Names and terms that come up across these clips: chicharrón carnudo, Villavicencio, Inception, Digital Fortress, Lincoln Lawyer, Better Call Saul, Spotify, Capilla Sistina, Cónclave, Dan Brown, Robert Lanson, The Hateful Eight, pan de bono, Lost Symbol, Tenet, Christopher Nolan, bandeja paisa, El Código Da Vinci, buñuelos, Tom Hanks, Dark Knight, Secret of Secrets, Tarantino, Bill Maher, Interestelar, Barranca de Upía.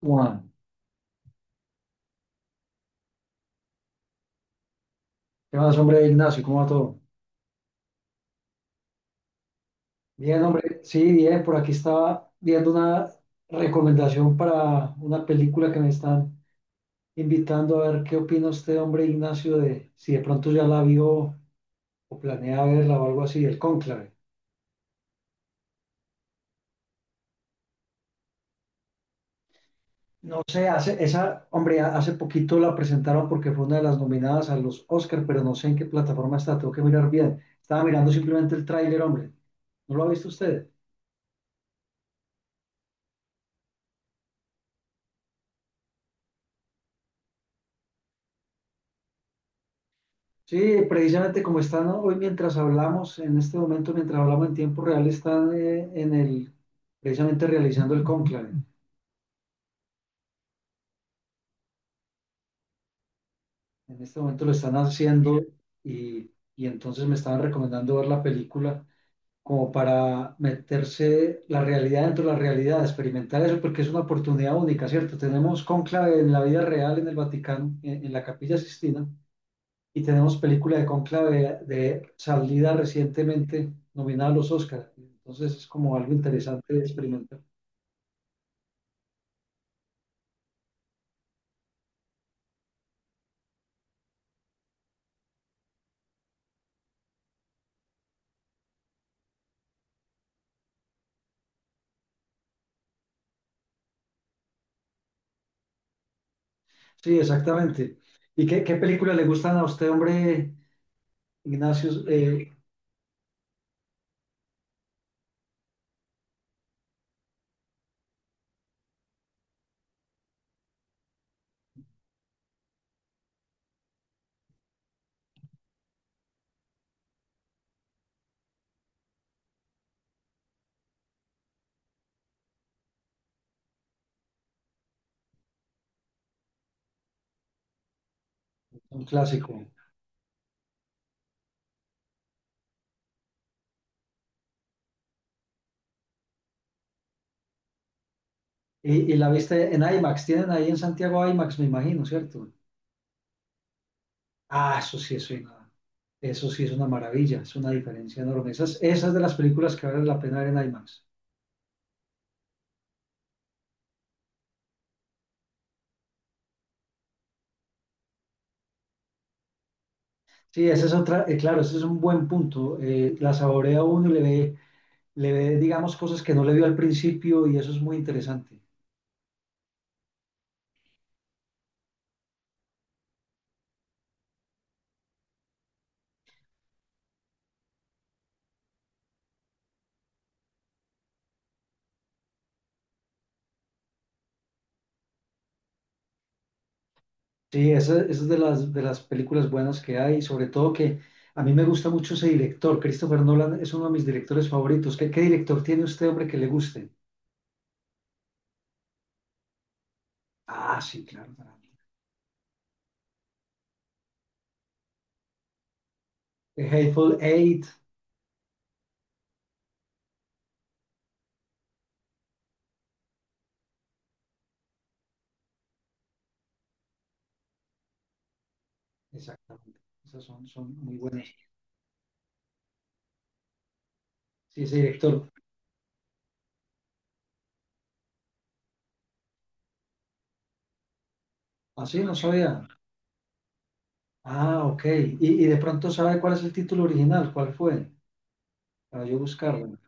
Juan, ¿qué más, hombre, Ignacio? ¿Cómo va todo? Bien, hombre, sí, bien, por aquí estaba viendo una recomendación para una película que me están invitando a ver qué opina usted, hombre, Ignacio, de si de pronto ya la vio o planea verla o algo así, el Cónclave. No sé, hace, esa, hombre, hace poquito la presentaron porque fue una de las nominadas a los Oscar, pero no sé en qué plataforma está, tengo que mirar bien. Estaba mirando simplemente el tráiler, hombre. ¿No lo ha visto usted? Sí, precisamente como están hoy mientras hablamos, en este momento, mientras hablamos en tiempo real, están en el, precisamente realizando el cónclave. En este momento lo están haciendo y entonces me estaban recomendando ver la película como para meterse la realidad dentro de la realidad, experimentar eso, porque es una oportunidad única, ¿cierto? Tenemos cónclave en la vida real en el Vaticano, en la Capilla Sistina, y tenemos película de Conclave de salida recientemente nominada a los Oscar. Entonces es como algo interesante de experimentar. Sí, exactamente. ¿Y qué, qué películas le gustan a usted, hombre, Ignacio? Un clásico. Y la viste en IMAX. Tienen ahí en Santiago IMAX, me imagino, ¿cierto? Ah, eso sí es una, eso sí es una maravilla, es una diferencia enorme. Esas, esas de las películas que valen la pena ver en IMAX. Sí, ese es otra, claro, ese es un buen punto. La saborea uno y le ve, digamos, cosas que no le vio al principio y eso es muy interesante. Sí, esa es de las películas buenas que hay, sobre todo que a mí me gusta mucho ese director, Christopher Nolan es uno de mis directores favoritos. ¿Qué, qué director tiene usted, hombre, que le guste? Ah, sí, claro. Claro. The Hateful Eight, exactamente. Esas son, son muy buenas. Sí, ese director. Ah, sí, no sabía. Ah, ok. Y de pronto sabe cuál es el título original, cuál fue, para yo buscarlo.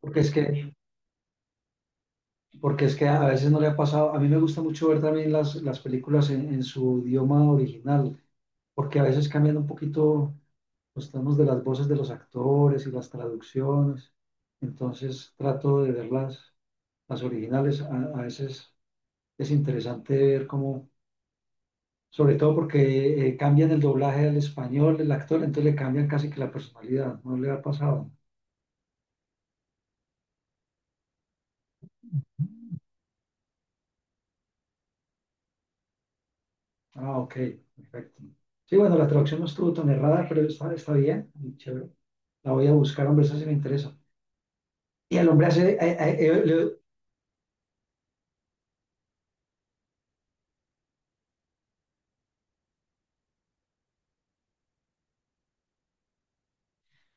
Porque es que porque es que a veces no le ha pasado, a mí me gusta mucho ver también las películas en su idioma original, porque a veces cambian un poquito los tonos de las voces de los actores y las traducciones, entonces trato de verlas, las originales, a veces es interesante ver cómo, sobre todo porque cambian el doblaje al español, el actor, entonces le cambian casi que la personalidad, ¿no le ha pasado? Ah, ok, perfecto. Sí, bueno, la traducción no estuvo tan errada, pero está, está bien, y chévere. La voy a buscar, hombre, eso sí me interesa. Y al hombre hace,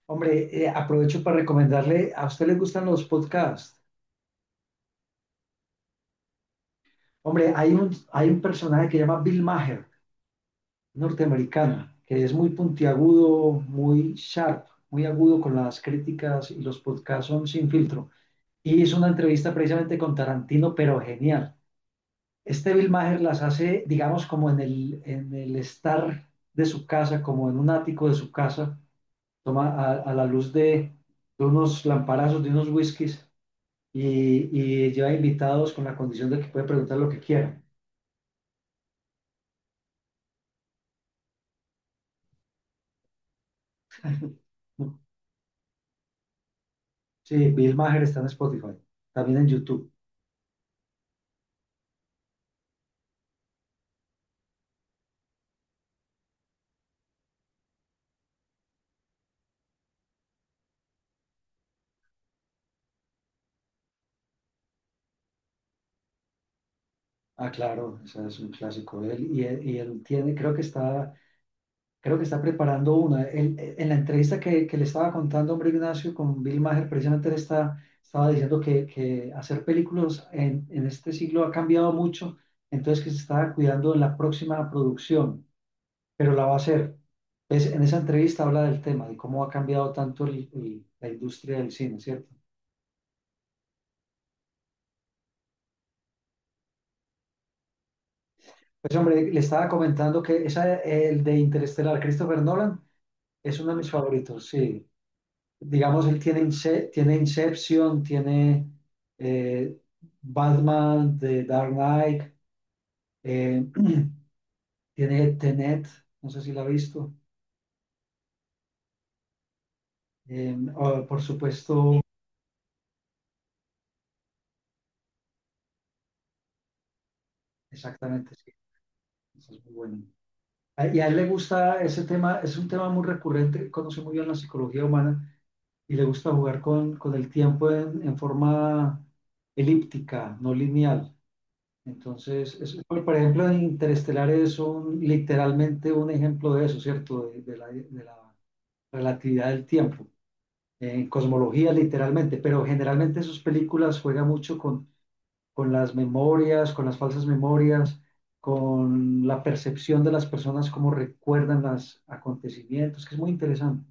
hombre, aprovecho para recomendarle, ¿a usted le gustan los podcasts? Hombre, hay un personaje que se llama Bill Maher, norteamericano, que es muy puntiagudo, muy sharp, muy agudo con las críticas y los podcasts son sin filtro. Y hizo una entrevista precisamente con Tarantino, pero genial. Este Bill Maher las hace, digamos, como en el estar de su casa, como en un ático de su casa, toma a la luz de unos lamparazos, de unos whiskies, y, y lleva invitados con la condición de que puede preguntar lo que quiera. ¿No? Sí, Bill Maher está en Spotify, también en YouTube. Ah, claro, ese es un clásico de él. Y, y él tiene, creo que está creo que está preparando una. Él, en la entrevista que le estaba contando, hombre, Ignacio, con Bill Maher, precisamente él está, estaba diciendo que hacer películas en este siglo ha cambiado mucho, entonces que se estaba cuidando en la próxima producción, pero la va a hacer. Pues, en esa entrevista habla del tema, de cómo ha cambiado tanto la industria del cine, ¿cierto? Pues, hombre, le estaba comentando que esa, el de Interestelar, Christopher Nolan, es uno de mis favoritos, sí. Digamos, él tiene, tiene Inception, tiene eh, Batman de Dark Knight, eh, tiene Tenet, no sé si la ha visto. O, por supuesto, exactamente, sí, eso es muy bueno. Y a él le gusta ese tema, es un tema muy recurrente, conoce muy bien la psicología humana y le gusta jugar con el tiempo en forma elíptica, no lineal. Entonces, por ejemplo, en Interestelar es un, literalmente un ejemplo de eso, ¿cierto? De la relatividad del tiempo, en cosmología literalmente, pero generalmente sus películas juegan mucho con las memorias, con las falsas memorias, con la percepción de las personas, cómo recuerdan los acontecimientos, que es muy interesante,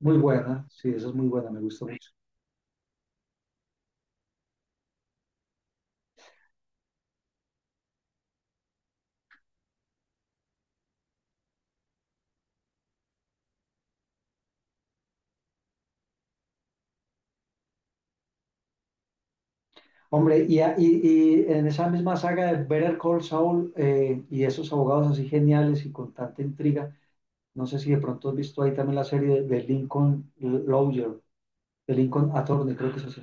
muy buena, sí, esa es muy buena, me gusta mucho. Hombre, y, y en esa misma saga de Better Call Saul y esos abogados así geniales y con tanta intriga, no sé si de pronto has visto ahí también la serie de Lincoln Lawyer, de Lincoln Attorney, creo que es así.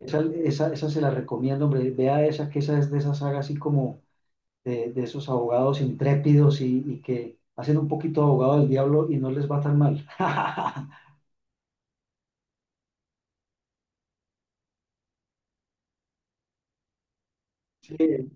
Esa se la recomiendo, hombre, vea esa, que esa es de esa saga así como de esos abogados intrépidos y que hacen un poquito abogado del diablo y no les va tan mal. Sí,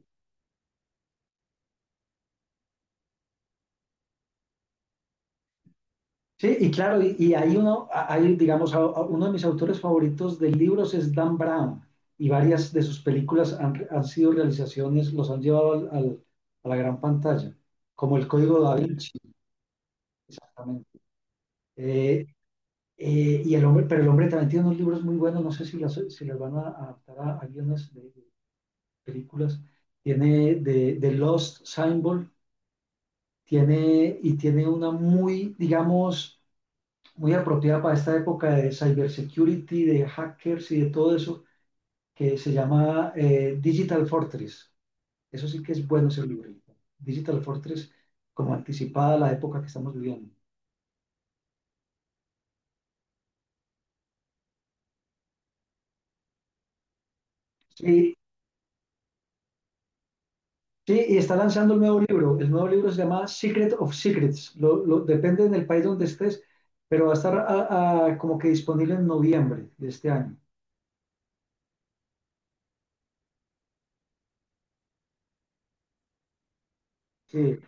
sí, y claro, y hay uno, hay, digamos, uno de mis autores favoritos de libros es Dan Brown, y varias de sus películas han, han sido realizaciones, los han llevado a la gran pantalla, como El Código Da Vinci, exactamente. Eh, y el hombre, pero el hombre también tiene unos libros muy buenos, no sé si las, si las van a adaptar a guiones de películas. Tiene de Lost Symbol, tiene, y tiene una muy, digamos, muy apropiada para esta época de cybersecurity, de hackers y de todo eso, que se llama Digital Fortress. Eso sí que es bueno ese libro. Digital Fortress, como anticipada a la época que estamos viviendo. Sí, sí, y está lanzando el nuevo libro. El nuevo libro se llama Secret of Secrets. Lo, depende del país donde estés, pero va a estar como que disponible en noviembre de este año. Sí,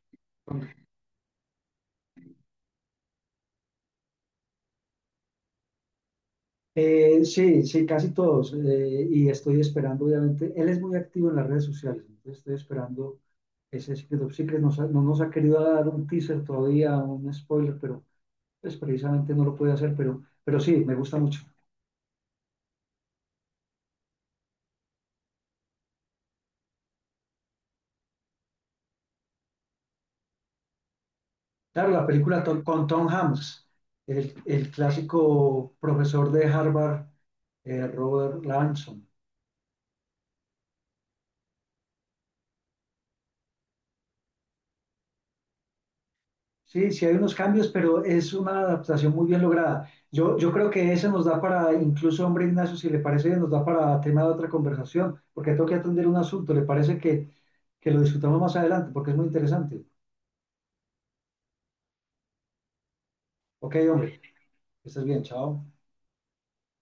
Sí, sí, casi todos. Y estoy esperando, obviamente, él es muy activo en las redes sociales, entonces estoy esperando ese Secret of Secret. No nos ha querido dar un teaser todavía, un spoiler, pero pues, precisamente no lo puede hacer, pero sí, me gusta mucho. Claro, la película con Tom Hanks, el clásico profesor de Harvard, Robert Lanson. Sí, sí hay unos cambios, pero es una adaptación muy bien lograda. Yo creo que ese nos da para, incluso, hombre Ignacio, si le parece, nos da para tema de otra conversación, porque tengo que atender un asunto. ¿Le parece que lo discutamos más adelante? Porque es muy interesante. Ok, hombre, que estés bien, chao.